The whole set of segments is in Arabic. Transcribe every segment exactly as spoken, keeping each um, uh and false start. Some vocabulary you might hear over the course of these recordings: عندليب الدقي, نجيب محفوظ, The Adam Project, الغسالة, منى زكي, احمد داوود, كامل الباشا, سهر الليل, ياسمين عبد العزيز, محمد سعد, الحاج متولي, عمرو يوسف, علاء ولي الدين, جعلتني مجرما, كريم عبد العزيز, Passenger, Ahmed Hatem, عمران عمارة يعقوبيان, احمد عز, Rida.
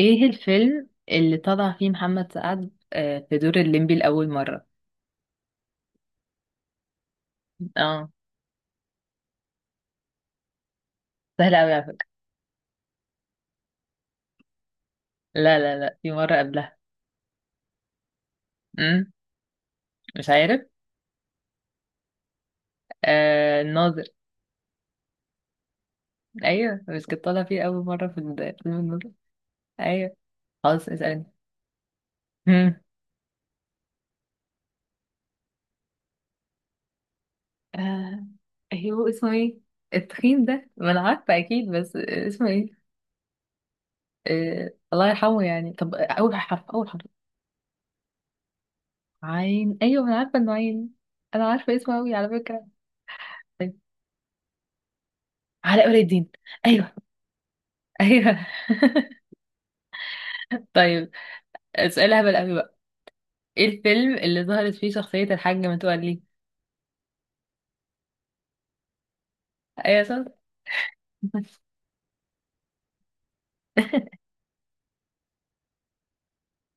ايه الفيلم اللي طلع فيه محمد سعد آه، في دور الليمبي لأول مرة. اه. سهل أوي على فكرة. لا لا لا، في مرة قبلها. امم مش عارف. آه، الناظر. ايوه، بس كنت طالع فيه أول مرة في ال- فيلم الناظر. ايوه. خلاص اسألني. امم آه، هو اسمه ايه؟ التخين ده، ما انا عارفة اكيد، بس اسمه ايه؟ آه الله يرحمه يعني. طب اول حرف اول حرف. عين، ايوه، ما انا عارفة انه عين. انا عارفة اسمه أوي على فكرة. طيب. علاء ولي الدين. أيوه. ايوه. طيب. سؤال هبل قوي بقى. ايه الفيلم اللي ظهرت فيه شخصية الحاج متولي؟ ايوه صح.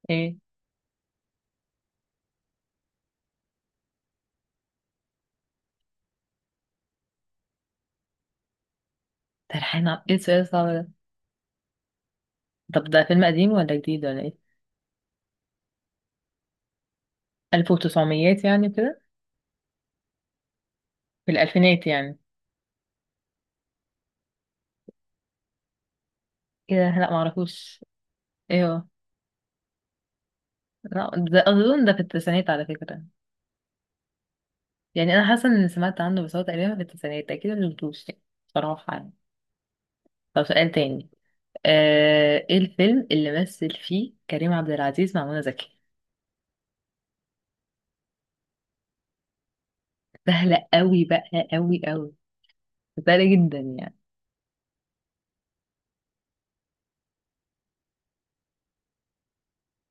ايه ترحينا، ايه السؤال الصعب ده؟ طب ده فيلم قديم ولا جديد ولا ايه؟ ألف وتسعمائة يعني كده؟ في الالفينات يعني. ايه ده، لا معرفوش. ايه هو؟ لا ده اظن ده في التسعينات على فكرة. يعني انا حاسة اني سمعت عنه، بس هو تقريبا في التسعينات، اكيد ما شفتوش يعني، صراحة يعني. طب سؤال تاني. آه، ايه الفيلم اللي مثل فيه كريم عبد العزيز مع منى زكي؟ سهلة قوي بقى، قوي قوي. سهلة جدا يعني.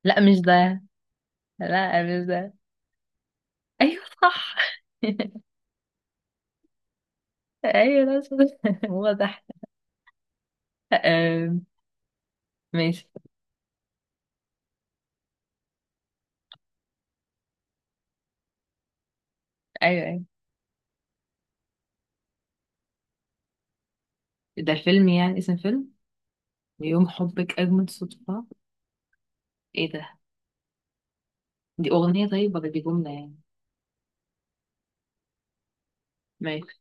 لا مش ده. لا مش ده. ايوه صح. ايوه ده صح. هو ده. أم، ماشي. ايوه ايوه. ده فيلم، يعني اسم فيلم؟ يوم حبك اجمل صدفة. ايه ده؟ دي اغنية طيب، ولا دي جملة يعني؟ ماشي.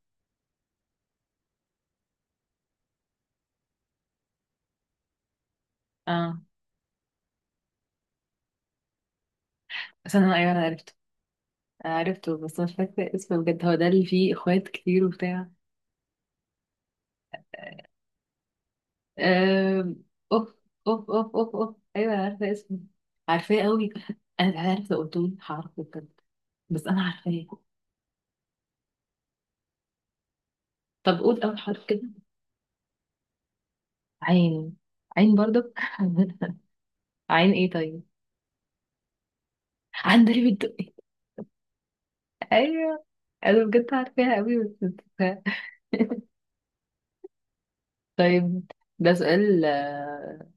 اه. استنى، ايوه، انا عرفته. أنا عرفته بس مش فاكرة اسمه بجد. هو ده اللي فيه اخوات كتير وبتاع؟ آم، اوف، اوف اوف اوف اوف، ايوه انا عارفه اسمه. عارفاه قوي. انا مش عارفه، لو قلت لي هعرفه بجد، بس انا عارفاه. طب قول اول حرف كده. عين. عين برضك. عين ايه طيب؟ عندليب الدقي. ايوه. انا بجد عارفاها قوي بس نسيتها. طيب. ده سؤال آه،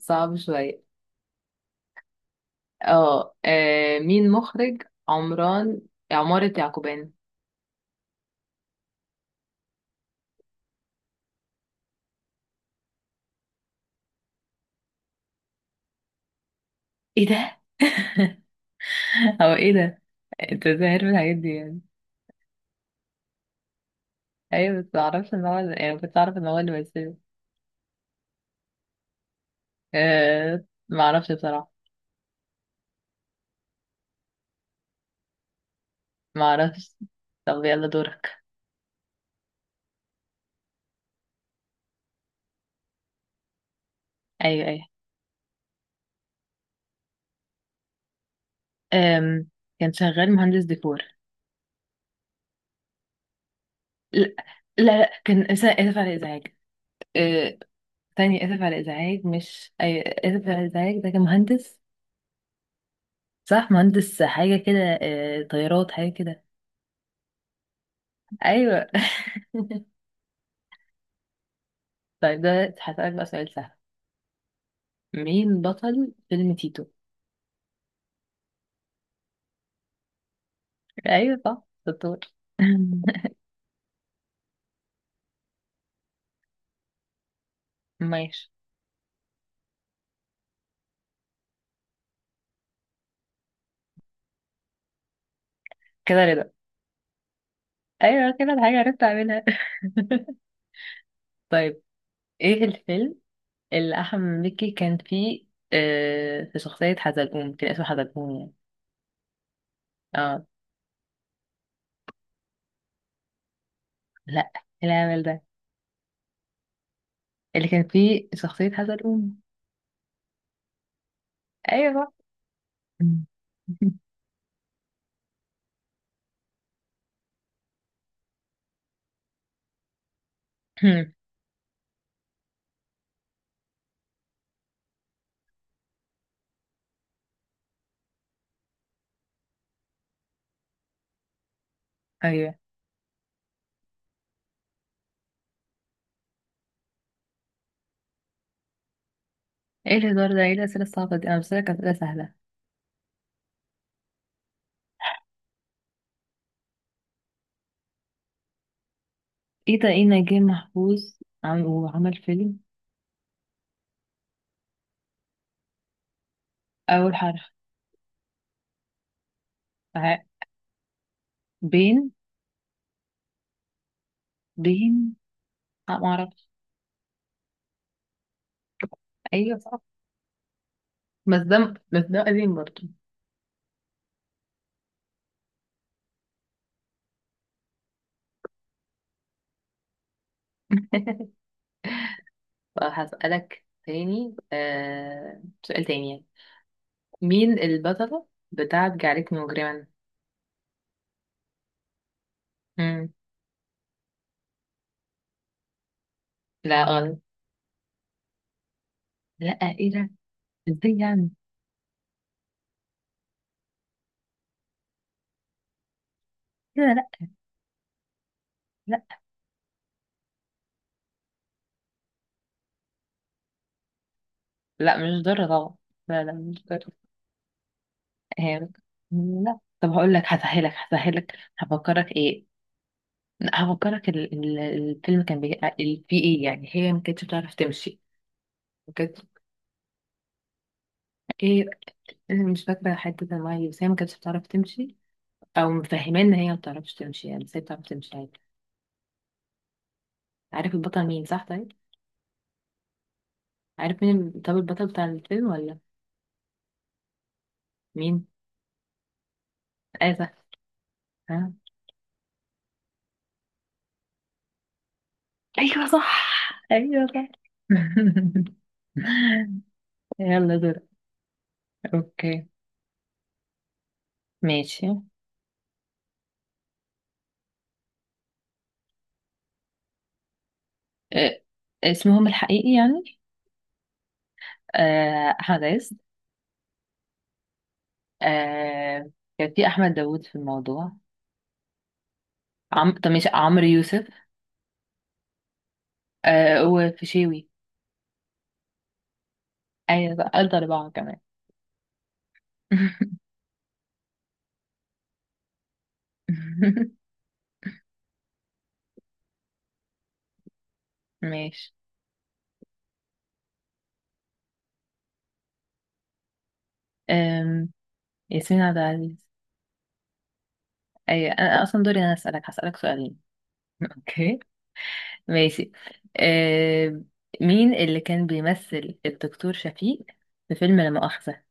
صعب شوية. اه آه، مين مخرج عمران عمارة يعقوبيان؟ ايه ده؟ هو ايه ده؟ انت ازاي عارف الحاجات دي يعني؟ ايوه بس معرفش ان هو يعني، كنت اعرف ان هو اللي بيسيب. أه معرفش بصراحة. معرفش. طب يلا دورك. ايوه ايوه. أم. كان شغال مهندس ديكور. لا. لا، لا. كان آسف آسف على الازعاج. أه. تاني اسف على الازعاج مش ايوه، اسف على الازعاج ده كان مهندس. صح، مهندس حاجة كده. أه. طيارات حاجة كده. ايوه. طيب ده هسألك بقى سؤال سهل. مين بطل فيلم تيتو؟ ايوه صح دكتور. ماشي. كده رضا. ايوه كده الحاجة عرفت اعملها. طيب. ايه الفيلم اللي احمد مكي كان فيه آه في شخصية حزلقوم، كان اسمه حزلقوم يعني؟ اه. لا. إيه العمل ده اللي كان فيه شخصية حزلقوم؟ ايوه صح. ايوه. ايه الهزار ده، ايه الاسئلة الصعبة دي؟ انا بسألك اسئلة سهلة. ايه ده، ايه نجيب محفوظ؟ عم... وعمل فيلم. اول حرف. ع- بين. بين. لا معرفش. ايوه صح. بس ده بس ده قديم برضه. فهسألك تاني، آه... سؤال تاني يعني. مين البطلة بتاعت جعلتني مجرما؟ مم. لا غلط. لا. ايه ده؟ ازاي يعني؟ كده لا. لا لا مش ضر طبعا. لا لا مش ضر. هي. لا، طب هقول لك، هسهلك هسهلك، هفكرك ايه. لا، هفكرك ال... ال... الفيلم كان بي... ال- فيه ايه يعني، هي ما كانتش بتعرف تمشي. ما كانتش. ايه. انا مش فاكره حته الميه، بس هي ما كانتش بتعرف تمشي. او مفهمه ان هي ما بتعرفش تمشي يعني، بس هي بتعرف تمشي. عارف البطل مين صح طيب؟ عارف مين ال- طب البطل بتاع الفيلم ولا؟ مين؟ آسف. ها. ايوه صح. ايوه صح. يلا دور. اوكي. ماشي. أه، اسمهم الحقيقي يعني. أه، احمد عز. أه. كان في احمد داوود في الموضوع. عم... طب ماشي عمرو يوسف. أه، وفيشاوي. ايوه بقى، قلت اربعه كمان. ماشي. أم، ياسمين عبد العزيز. ايوه انا اصلا دوري، انا اسالك هسالك سؤالين. اوكي. ماشي. آه مين اللي كان بيمثل الدكتور شفيق في فيلم لا مؤاخذة؟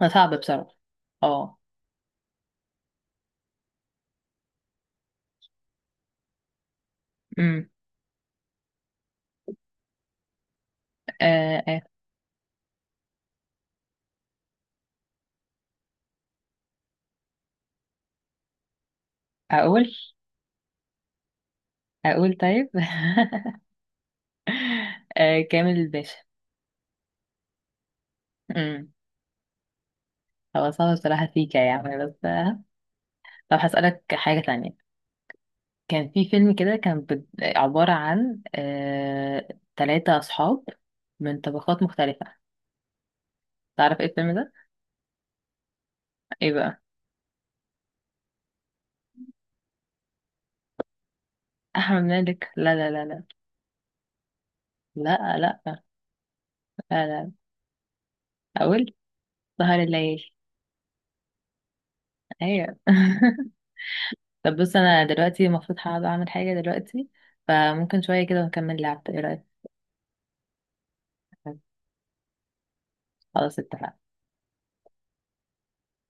ده صعب بصراحة. اه. امم آه آه، اقول اقول طيب. آه، كامل الباشا. امم هو صعب بصراحة فيك يعني، بس آه، طب هسألك حاجة تانية. كان في فيلم كده، كان بت- عبارة عن آه تلاتة أصحاب من طبقات مختلفة. تعرف ايه الفيلم ده؟ ايه بقى؟ أحمد مالك لا لا لا لا. لا لا لا لا. حاولت. سهر الليل. ايوه. طب بص، انا دلوقتي المفروض هقعد اعمل حاجة دلوقتي، فممكن شوية كده ونكمل لعب، ايه رأيك؟ خلاص اتفقنا.